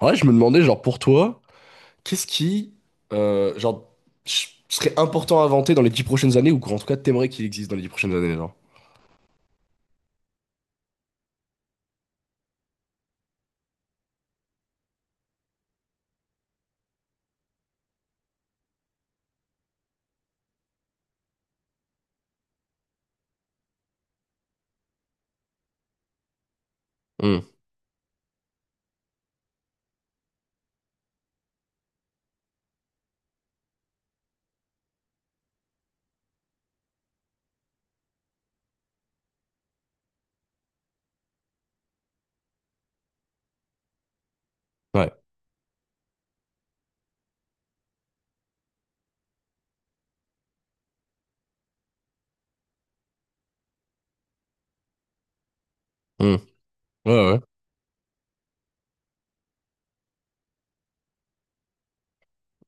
Ouais, je me demandais, genre, pour toi, qu'est-ce qui, genre, serait important à inventer dans les 10 prochaines années, ou qu'en tout cas, t'aimerais qu'il existe dans les 10 prochaines années, genre? Hmm. Ouais. Hmm. Ouais, ouais.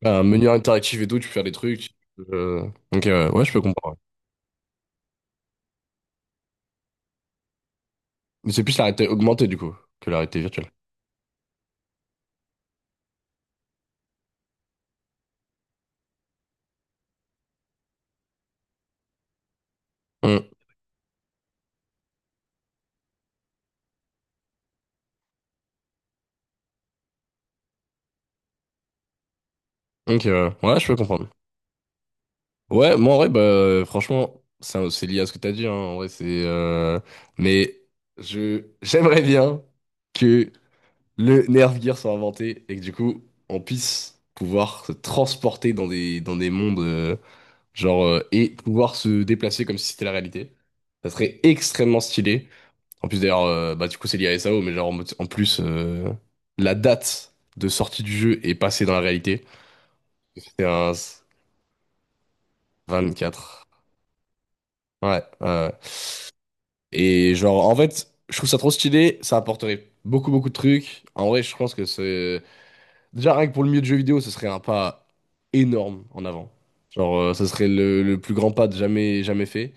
Un menu interactif et tout, tu peux faire des trucs. euh, Ok, ouais, ouais, je peux comprendre. Mais c'est plus la réalité augmentée, du coup, que la réalité virtuelle. Hmm. Ok, ouais. Ouais, je peux comprendre. Ouais, moi, en vrai, bah, franchement, ça, c'est lié à ce que t'as dit, hein. En vrai, Mais j'aimerais bien que le Nerf Gear soit inventé et que du coup, on puisse pouvoir se transporter dans dans des mondes, et pouvoir se déplacer comme si c'était la réalité. Ça serait extrêmement stylé. En plus, d'ailleurs, bah, du coup, c'est lié à SAO, mais genre, en plus, la date de sortie du jeu est passée dans la réalité. C'était un 24. Ouais, ouais, ouais. Et genre, en fait, je trouve ça trop stylé, ça apporterait beaucoup, beaucoup de trucs. En vrai, je pense que déjà, rien que pour le milieu de jeu vidéo, ce serait un pas énorme en avant. Genre, ça serait le plus grand pas de jamais, jamais fait.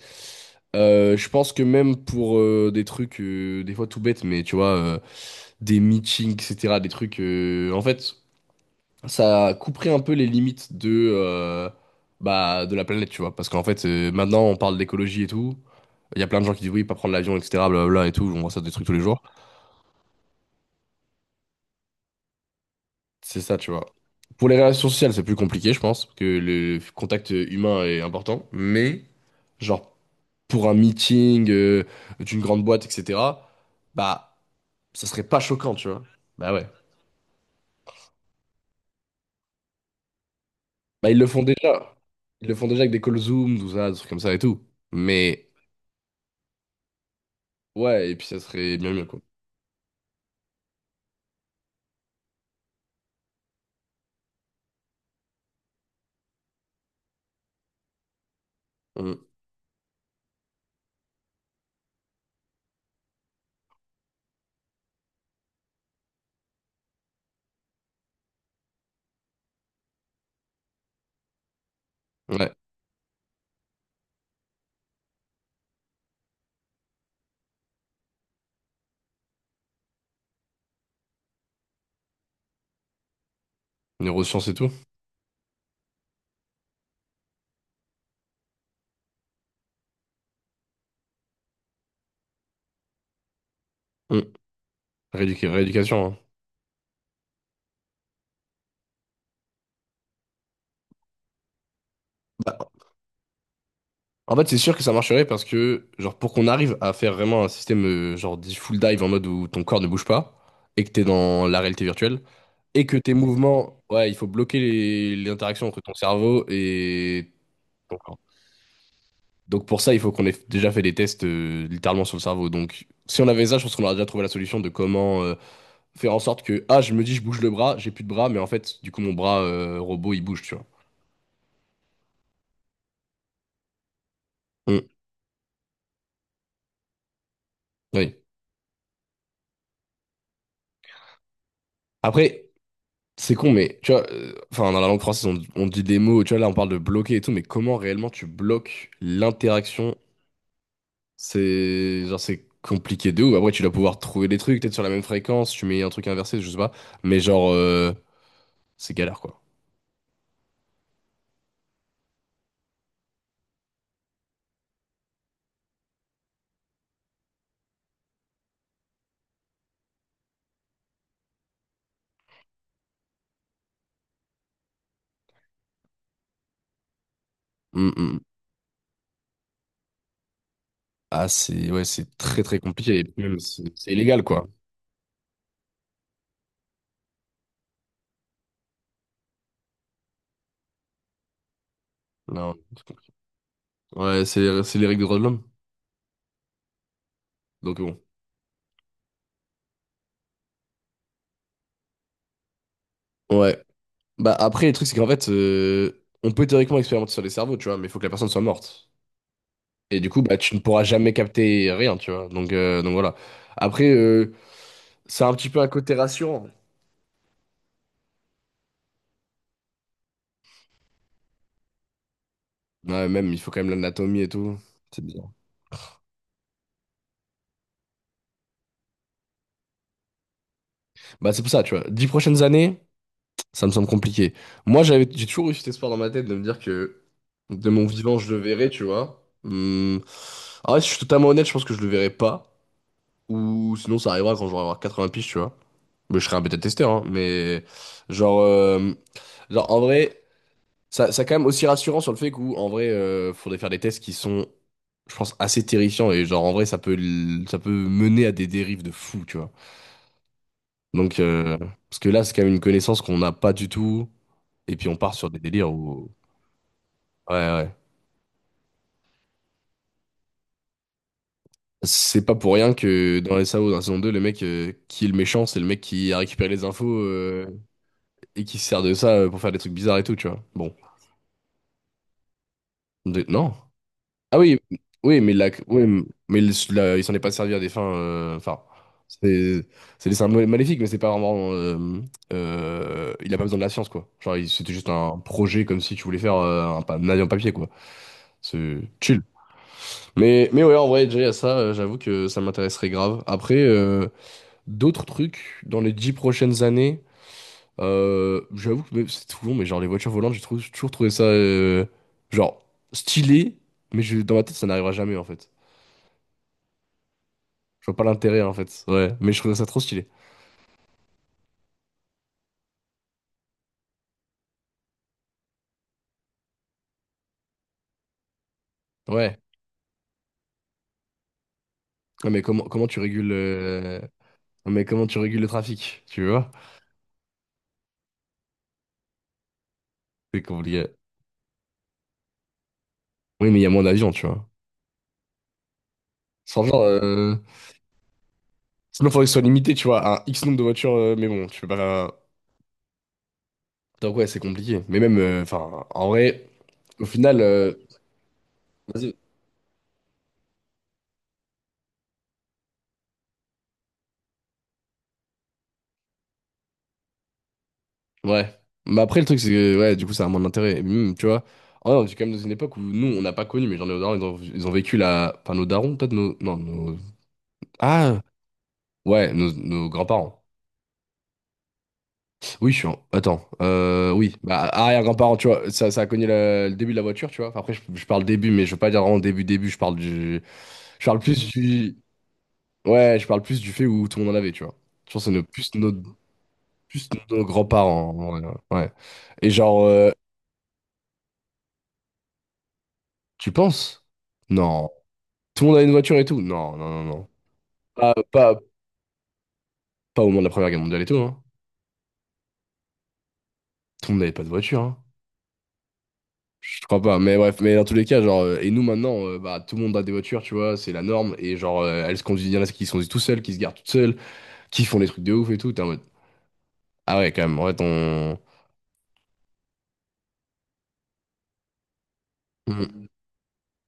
Je pense que même pour des trucs, des fois tout bêtes, mais tu vois, des meetings, etc., des trucs. En fait, ça couperait un peu les limites bah, de la planète, tu vois. Parce qu'en fait, maintenant, on parle d'écologie et tout. Il y a plein de gens qui disent oui, pas prendre l'avion, etc., blablabla et tout. On voit ça des trucs tous les jours. C'est ça, tu vois. Pour les relations sociales, c'est plus compliqué, je pense, que le contact humain est important. Mais, genre, pour un meeting d'une grande boîte, etc., bah, ça serait pas choquant, tu vois. Bah ouais. Bah, ils le font déjà. Ils le font déjà avec des calls Zoom, tout ça, des trucs comme ça et tout. Mais, ouais, et puis ça serait bien mieux, quoi. Mm. Ouais. Neurosciences et tout. Mm. Rééducation, hein. En fait, c'est sûr que ça marcherait parce que, genre, pour qu'on arrive à faire vraiment un système, genre, dit full dive en mode où ton corps ne bouge pas et que t'es dans la réalité virtuelle et que tes mouvements, ouais, il faut bloquer les interactions entre ton cerveau et ton corps. Donc, pour ça, il faut qu'on ait déjà fait des tests, littéralement sur le cerveau. Donc, si on avait ça, je pense qu'on aurait déjà trouvé la solution de comment, faire en sorte que, ah, je me dis, je bouge le bras, j'ai plus de bras, mais en fait, du coup, mon bras, robot, il bouge, tu vois. Mm. Oui. Après, c'est con, mais tu vois, enfin, dans la langue française, on dit des mots, tu vois, là, on parle de bloquer et tout, mais comment réellement tu bloques l'interaction? C'est genre, c'est compliqué de ouf. Après, tu dois pouvoir trouver des trucs, peut-être sur la même fréquence, tu mets un truc inversé, je sais pas, mais genre, c'est galère, quoi. Hum, hum. Ah, c'est, ouais, c'est très très compliqué, et puis même, c'est illégal, quoi. Non. Ouais, c'est les règles des droits de l'homme, donc bon. Ouais. Bah, après, le truc, c'est qu'en fait, on peut théoriquement expérimenter sur les cerveaux, tu vois, mais il faut que la personne soit morte. Et du coup, bah, tu ne pourras jamais capter rien, tu vois. Donc, voilà. Après, c'est un petit peu un côté rassurant. Ouais, même, il faut quand même l'anatomie et tout. C'est bizarre. Bah, c'est pour ça, tu vois. 10 prochaines années, ça me semble compliqué. Moi, j'ai toujours eu cet espoir dans ma tête de me dire que de mon vivant, je le verrai, tu vois. Hum. En vrai, si je suis totalement honnête, je pense que je le verrai pas. Ou sinon, ça arrivera quand j'aurai 80 piges, tu vois. Mais je serai un bêta-testeur, hein. Mais genre, genre, en vrai. Ça quand même aussi rassurant sur le fait qu'en en vrai, faudrait faire des tests qui sont, je pense, assez terrifiants et genre en vrai, ça peut mener à des dérives de fou, tu vois. Donc, parce que là, c'est quand même une connaissance qu'on n'a pas du tout et puis on part sur des délires où. Ouais, ouais, ouais. C'est pas pour rien que dans les SAO, dans la saison 2 le mec qui est le méchant, c'est le mec qui a récupéré les infos et qui se sert de ça pour faire des trucs bizarres et tout, tu vois. Bon. Non. Ah oui, oui, mais, oui, mais il s'en est pas servi à des fins. Enfin, c'est c'est des symboles maléfiques, mais c'est pas vraiment. Il a pas besoin de la science, quoi. Genre, c'était juste un projet comme si tu voulais faire un avion papier, quoi. C'est chill. Mais ouais, en vrai, déjà, à ça, j'avoue que ça m'intéresserait grave. Après, d'autres trucs dans les 10 prochaines années, j'avoue que mais c'est tout long, mais genre les voitures volantes, toujours trouvé ça genre stylé, mais je, dans ma tête, ça n'arrivera jamais, en fait. Je vois pas l'intérêt en fait. Ouais. Mais je trouvais ça trop stylé. Ouais. Non, mais comment tu régules non, mais comment tu régules le trafic, tu vois? C'est compliqué. Oui, mais il y a moins d'avions, tu vois. Sans genre. Sinon faudrait que ce soit limité, tu vois, à un X nombre de voitures, mais bon, tu peux pas. Donc ouais, c'est compliqué. Mais même enfin en vrai, au final vas-y. Ouais. Mais après le truc c'est que ouais, du coup ça a moins d'intérêt. Et même, tu vois. Oh non, c'est quand même dans une époque où nous on n'a pas connu, mais genre nos darons ils ont vécu la enfin nos darons peut-être nos non nos ah ouais, nos grands-parents. Oui, je suis attends, oui, bah, arrière-grand-parent, tu vois, ça a cogné le début de la voiture, tu vois. Enfin, après, je parle début, mais je veux pas dire vraiment début, début, je parle du. Je parle plus du. Ouais, je parle plus du fait où tout le monde en avait, tu vois. Je pense que c'est plus nos grands-parents, en vrai, ouais. Et genre, tu penses? Non. Tout le monde avait une voiture et tout? Non, non, non, non. Pas, pas, pas au moment de la Première Guerre mondiale et tout, hein. Tout le monde n'avait pas de voiture, hein. Je crois pas, mais bref, mais dans tous les cas, genre, et nous maintenant, bah, tout le monde a des voitures, tu vois, c'est la norme, et genre, elles se conduisent, il y en a qui se conduisent tout seules, qui se garent toutes seules, qui font des trucs de ouf et tout, t'es en mode, ah ouais, quand même, en fait, on-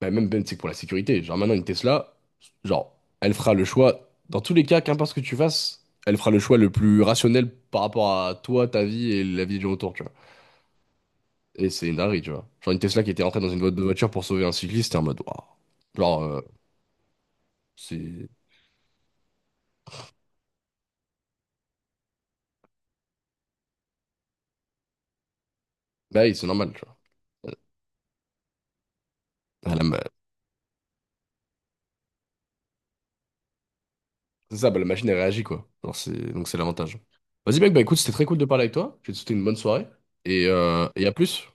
Bah, même, même, c'est que pour la sécurité, genre, maintenant, une Tesla, genre, elle fera le choix, dans tous les cas, qu'importe ce que tu fasses, elle fera le choix le plus rationnel par rapport à toi, ta vie et la vie des gens autour, tu vois. Et c'est une dinguerie, tu vois. Genre, une Tesla qui était rentrée dans une boîte de voiture pour sauver un cycliste, t'es en mode, waouh. Genre, c'est. Bah oui, c'est normal, tu vois. C'est ça, bah, la machine, elle réagit, quoi. Alors, c'est. Donc, c'est l'avantage. Vas-y, mec, bah écoute, c'était très cool de parler avec toi. Je vais te souhaiter une bonne soirée. Et à plus.